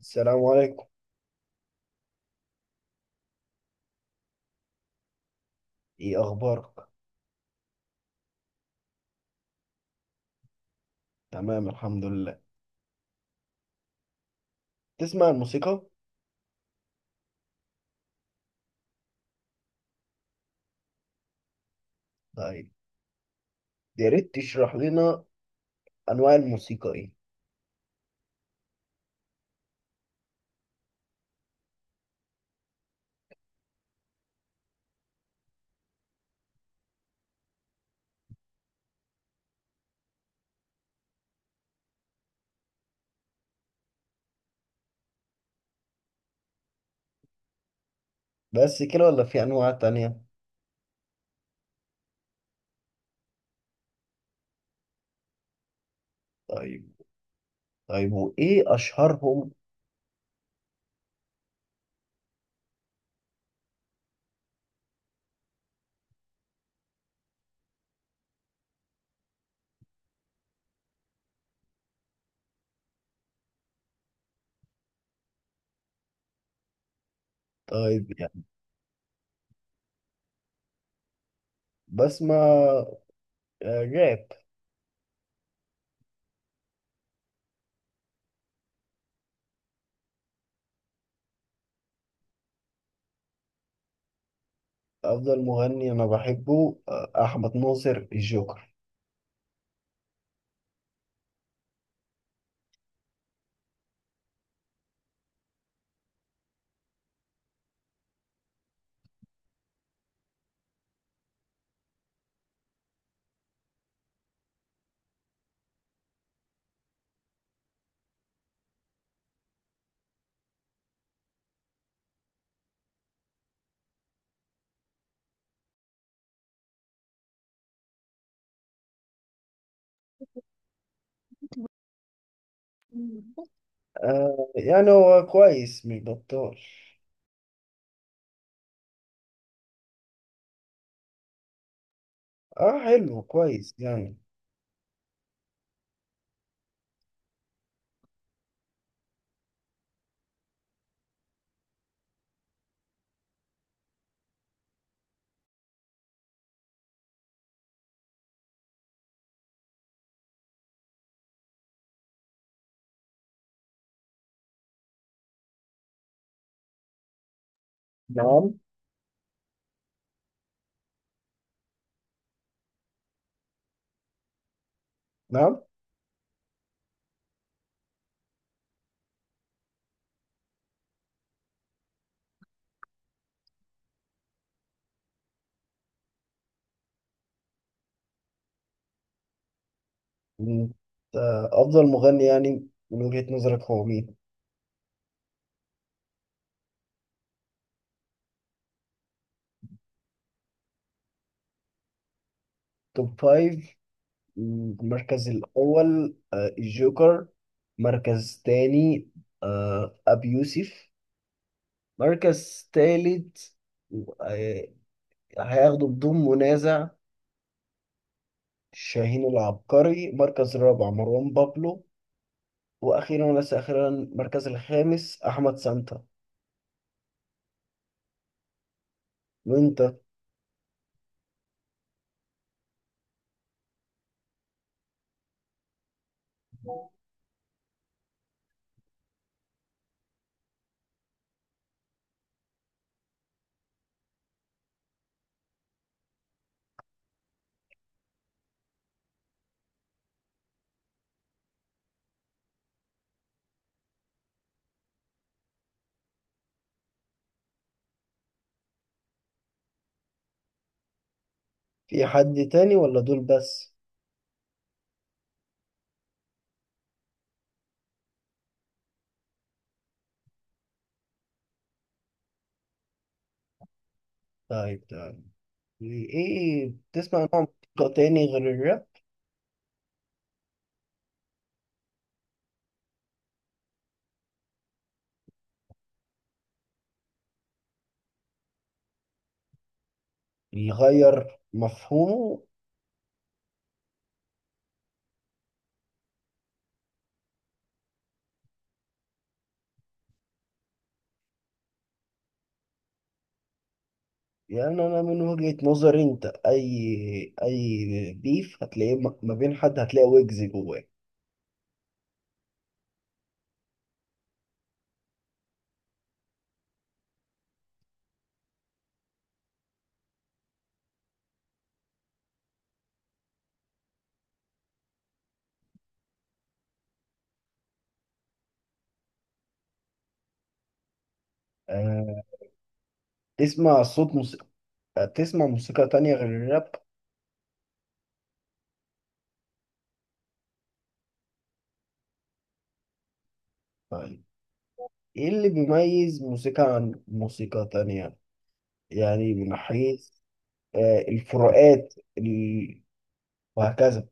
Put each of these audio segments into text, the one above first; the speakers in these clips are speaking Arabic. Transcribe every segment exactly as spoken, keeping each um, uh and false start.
السلام عليكم. ايه اخبارك؟ تمام، الحمد لله. تسمع الموسيقى؟ طيب. يا ريت تشرح لنا انواع الموسيقى ايه. بس كده ولا في انواع تانية؟ طيب، طيب، وايه اشهرهم؟ طيب. يعني بسمع آه، راب. افضل مغني انا بحبه آه، احمد ناصر الجوكر. آه، يعني هو كويس مش بطال. اه، حلو كويس يعني. نعم، نعم. مم. آه، افضل مغني، يعني من وجهة نظرك هو مين؟ توب فايف. م- المركز الأول آه، الجوكر. مركز تاني، آه، أبي يوسف. مركز تالت، آه، هياخده بدون منازع شاهين العبقري. مركز رابع، مروان بابلو. وأخيرا وليس أخيرا، المركز الخامس أحمد سانتا. وأنت؟ في حد تاني ولا دول بس؟ طيب، تمام. إيه، بتسمع نوع موسيقى تاني غير الراب؟ يغير مفهومه. يعني انا من وجهة نظري انت اي اي بيف هتلاقيه م- ما بين حد هتلاقي ويجز جواه. أه. تسمع صوت موسيقى تسمع موسيقى تانية غير الراب؟ طيب، ايه اللي بيميز موسيقى عن موسيقى تانية؟ يعني من حيث أه الفروقات ال- وهكذا.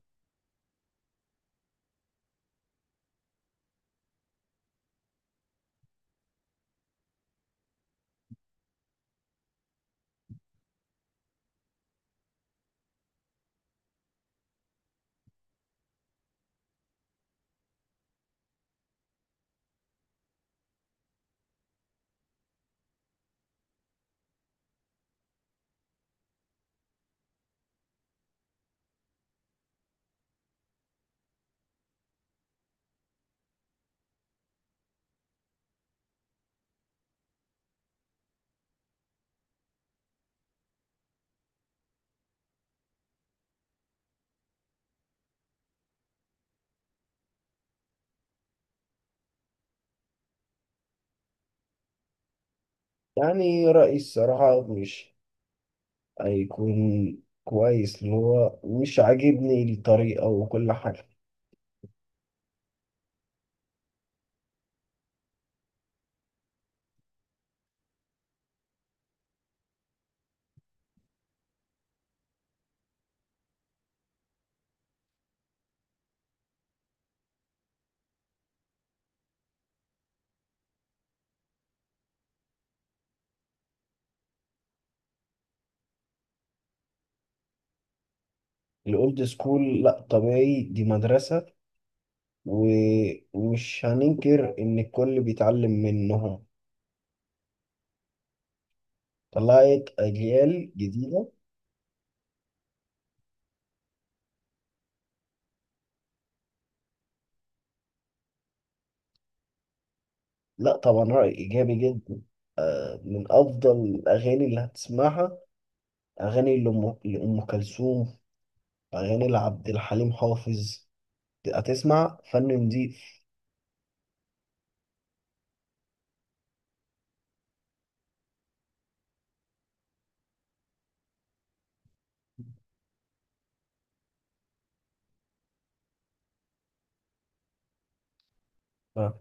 يعني رأيي الصراحة مش هيكون كويس، اللي هو مش عاجبني الطريقة وكل حاجة. الأولد سكول؟ لأ، طبيعي، دي مدرسة. ومش هننكر إن الكل بيتعلم منهم. طلعت أجيال جديدة. لا، طبعا، رأي إيجابي جدا. آه، من أفضل الأغاني اللي هتسمعها أغاني لأم لأم كلثوم، أغاني لعبد الحليم حافظ. هتسمع فن نضيف. آه.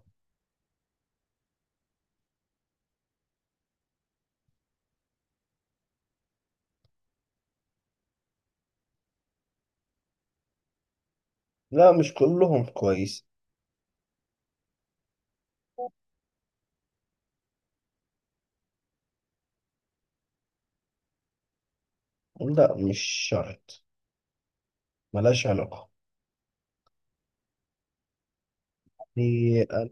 لا، مش كلهم كويس. لا، مش شرط. ملهاش علاقة. في- أنا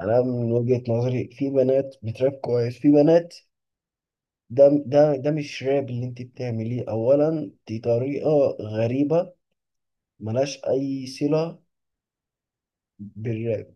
أنا من وجهة نظري، في بنات بتراب كويس، في بنات ده ده ده مش راب اللي انت بتعمليه. اولا، دي طريقة غريبة، ملهاش اي صلة بالراب.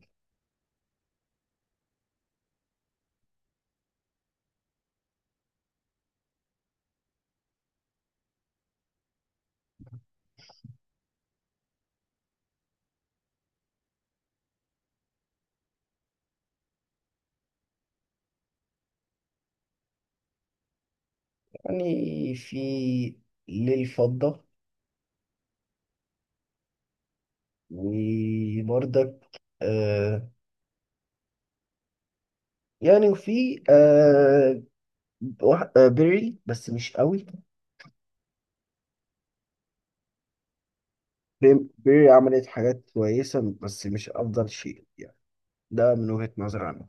يعني، في للفضة. وبرضك، آه يعني وفي آه واحد- آه، بيري، بس مش قوي. بيم- بيري عملت حاجات كويسة، بس مش افضل شيء يعني. ده من وجهة نظري انا.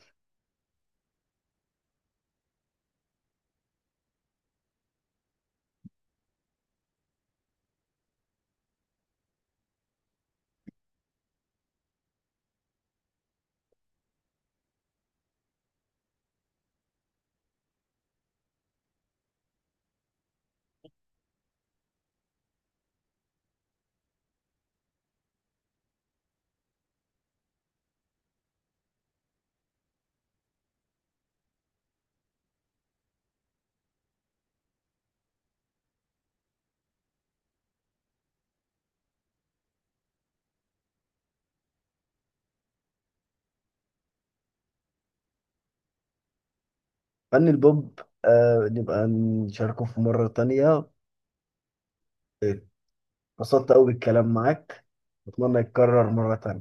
فن البوب، آه نبقى نشاركه في مرة تانية. اتبسطت قوي بالكلام معاك واتمنى يتكرر مرة تانية.